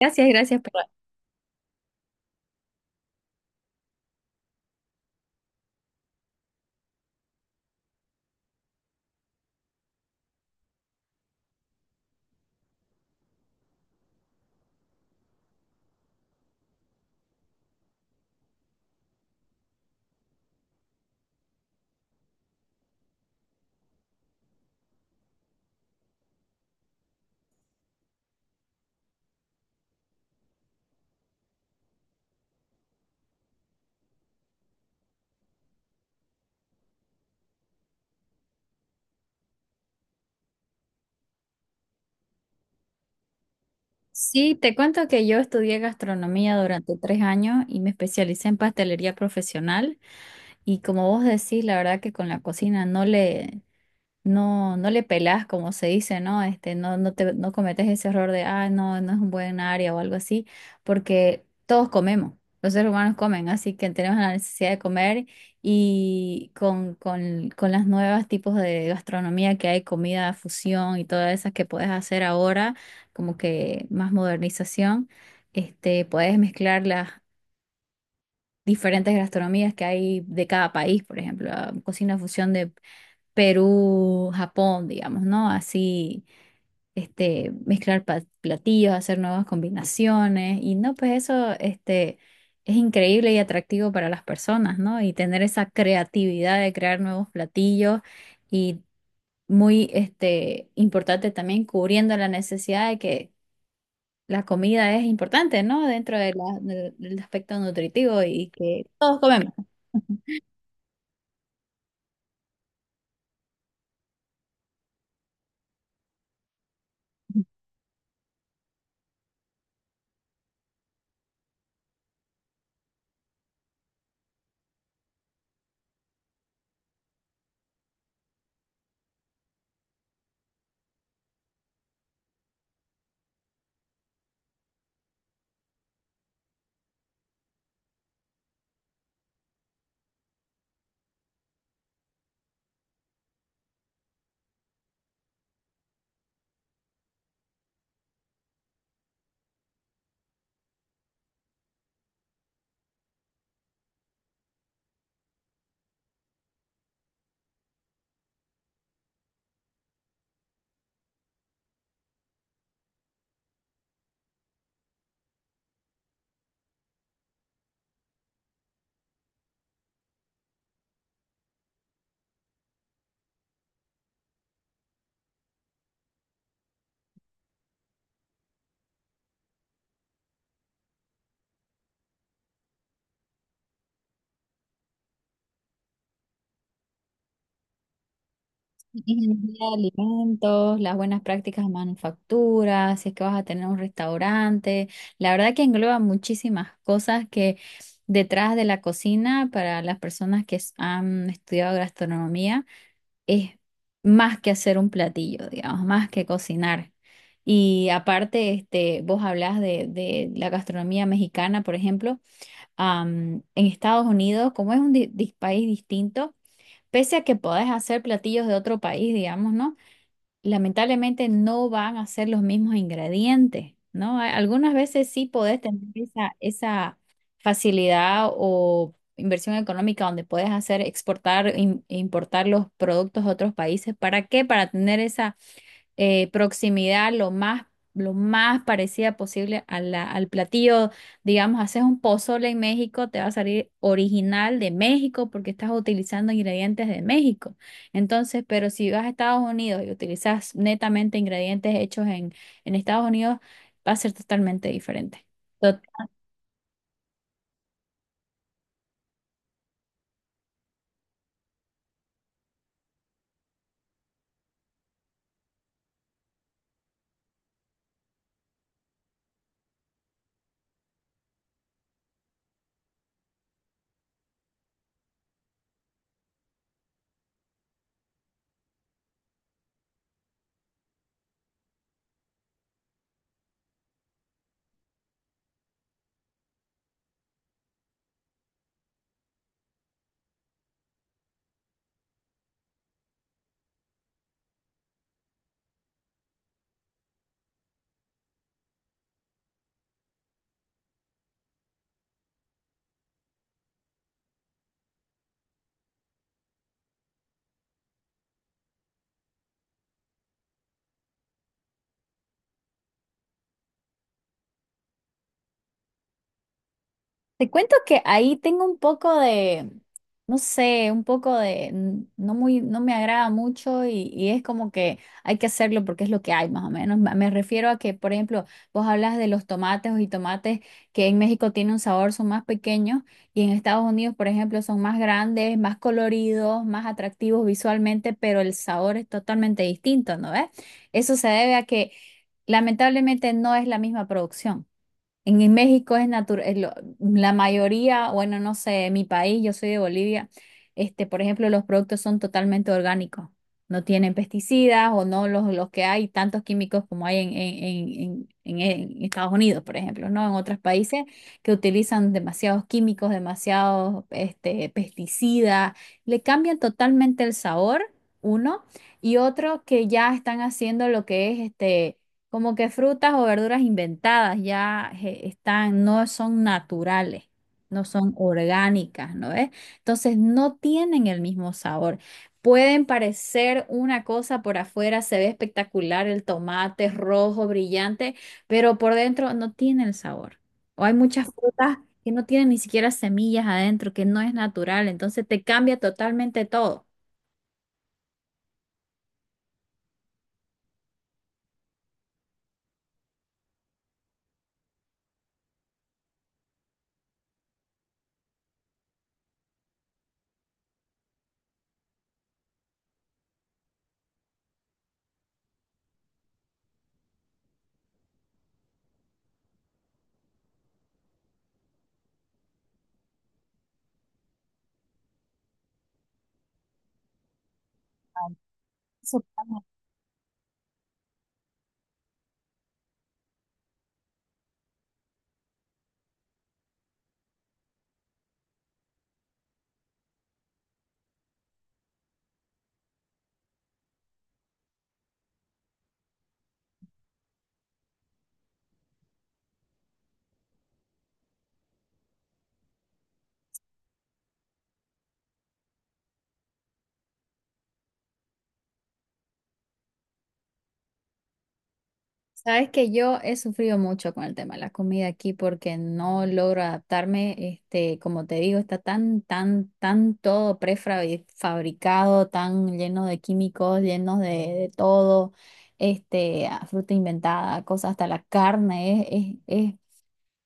Gracias, gracias. Por- Sí, te cuento que yo estudié gastronomía durante tres años y me especialicé en pastelería profesional. Y como vos decís, la verdad que con la cocina no le, no, no le pelás, como se dice, ¿no? No, no te, no cometes ese error de, ah, no, no es un buen área o algo así, porque todos comemos, los seres humanos comen, así que tenemos la necesidad de comer y con las nuevas tipos de gastronomía que hay, comida, fusión y todas esas que puedes hacer ahora, como que más modernización, puedes mezclar las diferentes gastronomías que hay de cada país, por ejemplo, ah, cocina fusión Perú, Japón, digamos, ¿no? Así, mezclar platillos, hacer nuevas combinaciones y no, pues eso, es increíble y atractivo para las personas, ¿no? Y tener esa creatividad de crear nuevos platillos y muy, importante también cubriendo la necesidad de que la comida es importante, ¿no? Dentro de del aspecto nutritivo y que todos comemos. Ingeniería de alimentos, las buenas prácticas de manufactura, si es que vas a tener un restaurante. La verdad que engloba muchísimas cosas que detrás de la cocina, para las personas que han estudiado gastronomía, es más que hacer un platillo, digamos, más que cocinar. Y aparte, vos hablás de la gastronomía mexicana, por ejemplo, en Estados Unidos, como es un país distinto, pese a que podés hacer platillos de otro país, digamos, ¿no? Lamentablemente no van a ser los mismos ingredientes, ¿no? Algunas veces sí podés tener esa, esa facilidad o inversión económica donde puedes hacer exportar, importar los productos a otros países. ¿Para qué? Para tener proximidad lo más parecida posible a al platillo. Digamos, haces un pozole en México, te va a salir original de México porque estás utilizando ingredientes de México. Entonces, pero si vas a Estados Unidos y utilizas netamente ingredientes hechos en Estados Unidos, va a ser totalmente diferente. Te cuento que ahí tengo un poco de, no sé, un poco de, no muy, no me agrada mucho y es como que hay que hacerlo porque es lo que hay más o menos. Me refiero a que, por ejemplo, vos hablas de los tomates o jitomates que en México tienen un sabor, son más pequeños y en Estados Unidos, por ejemplo, son más grandes, más coloridos, más atractivos visualmente, pero el sabor es totalmente distinto, ¿no ves? Eso se debe a que lamentablemente no es la misma producción. En México es natural, la mayoría, bueno, no sé, en mi país, yo soy de Bolivia, por ejemplo, los productos son totalmente orgánicos, no tienen pesticidas o no los que hay tantos químicos como hay en, en, en Estados Unidos, por ejemplo, ¿no? En otros países que utilizan demasiados químicos, demasiados pesticidas, le cambian totalmente el sabor, uno, y otro que ya están haciendo lo que es como que frutas o verduras inventadas ya están, no son naturales, no son orgánicas, ¿no ves? Entonces no tienen el mismo sabor. Pueden parecer una cosa por afuera, se ve espectacular, el tomate es rojo, brillante, pero por dentro no tiene el sabor. O hay muchas frutas que no tienen ni siquiera semillas adentro, que no es natural, entonces te cambia totalmente todo. Sabes que yo he sufrido mucho con el tema de la comida aquí porque no logro adaptarme. Como te digo, está tan todo prefabricado, tan lleno de químicos, llenos de todo, a fruta inventada, cosas, hasta la carne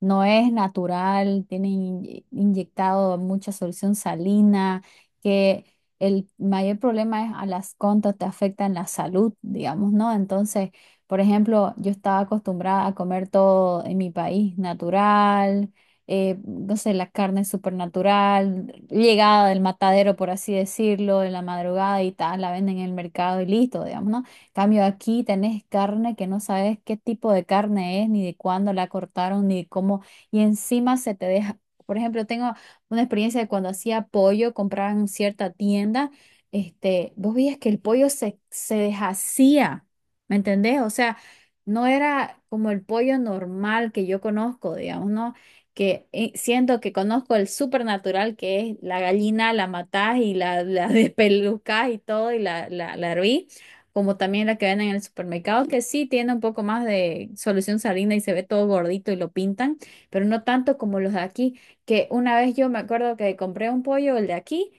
no es natural, tiene inyectado mucha solución salina, que el mayor problema es a las contas te afectan la salud, digamos, ¿no? Entonces, por ejemplo, yo estaba acostumbrada a comer todo en mi país natural, no sé, la carne supernatural, llegada del matadero, por así decirlo, en la madrugada y tal, la venden en el mercado y listo, digamos, ¿no? Cambio aquí tenés carne que no sabes qué tipo de carne es, ni de cuándo la cortaron, ni de cómo, y encima se te deja. Por ejemplo, tengo una experiencia de cuando hacía pollo, compraba en cierta tienda, vos veías que el pollo se deshacía, ¿me entendés? O sea, no era como el pollo normal que yo conozco, digamos, ¿no? Que siento que conozco el supernatural que es la gallina, la matás y la despelucás y todo, y la hervís como también la que venden en el supermercado, que sí tiene un poco más de solución salina y se ve todo gordito y lo pintan, pero no tanto como los de aquí, que una vez yo me acuerdo que compré un pollo, el de aquí,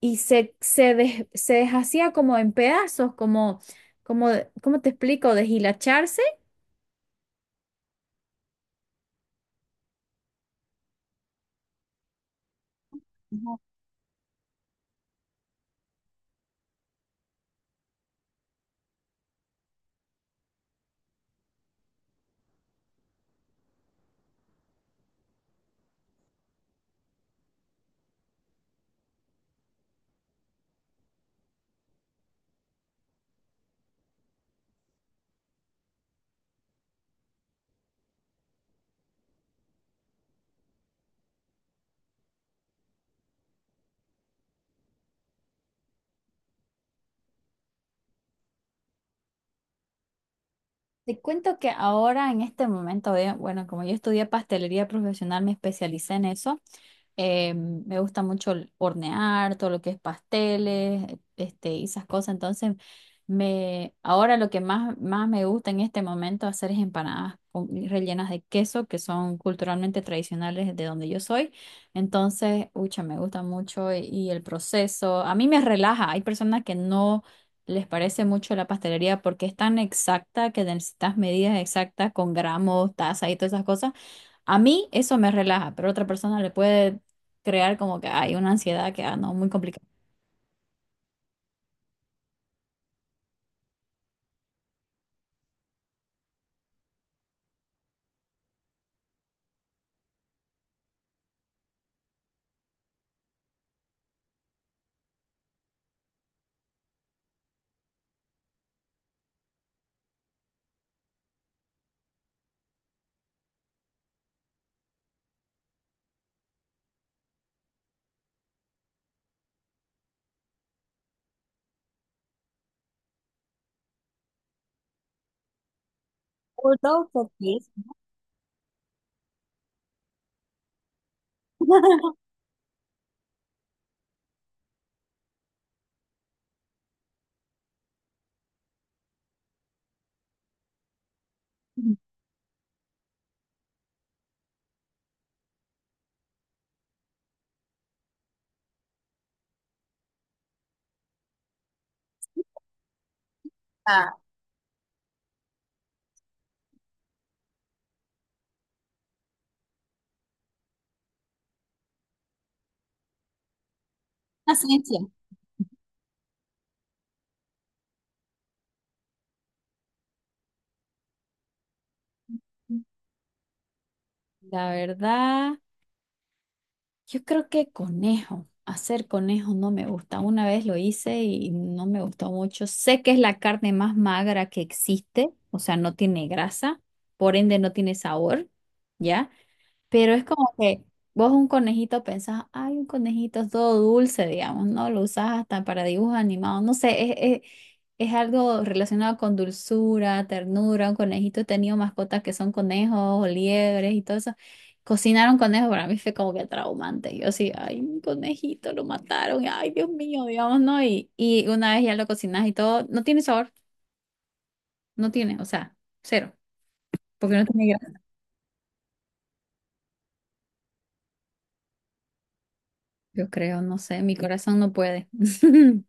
y se deshacía como en pedazos, como, como, ¿cómo te explico? Deshilacharse. Te cuento que ahora en este momento, bueno, como yo estudié pastelería profesional, me especialicé en eso. Me gusta mucho el hornear, todo lo que es pasteles, y esas cosas. Entonces, ahora lo que más me gusta en este momento hacer es empanadas rellenas de queso, que son culturalmente tradicionales de donde yo soy. Entonces, ucha, me gusta mucho y el proceso. A mí me relaja. Hay personas que no les parece mucho la pastelería porque es tan exacta que necesitas medidas exactas con gramos, taza y todas esas cosas. A mí eso me relaja, pero a otra persona le puede crear como que hay una ansiedad que, ah, no, muy complicada. Ujú. Ah, una ciencia. La verdad, yo creo que conejo, hacer conejo no me gusta. Una vez lo hice y no me gustó mucho. Sé que es la carne más magra que existe, o sea, no tiene grasa, por ende no tiene sabor, ¿ya? Pero es como que vos un conejito pensás, ay, un conejito es todo dulce, digamos, ¿no? Lo usás hasta para dibujos animados, no sé, es algo relacionado con dulzura, ternura, un conejito, he tenido mascotas que son conejos o liebres y todo eso. Cocinar un conejo para mí fue como que traumante. Yo sí, ay, un conejito, lo mataron, y, ay, Dios mío, digamos, ¿no? Y una vez ya lo cocinás y todo, no tiene sabor, no tiene, o sea, cero, porque no tiene grasa. Yo creo, no sé, mi corazón no puede.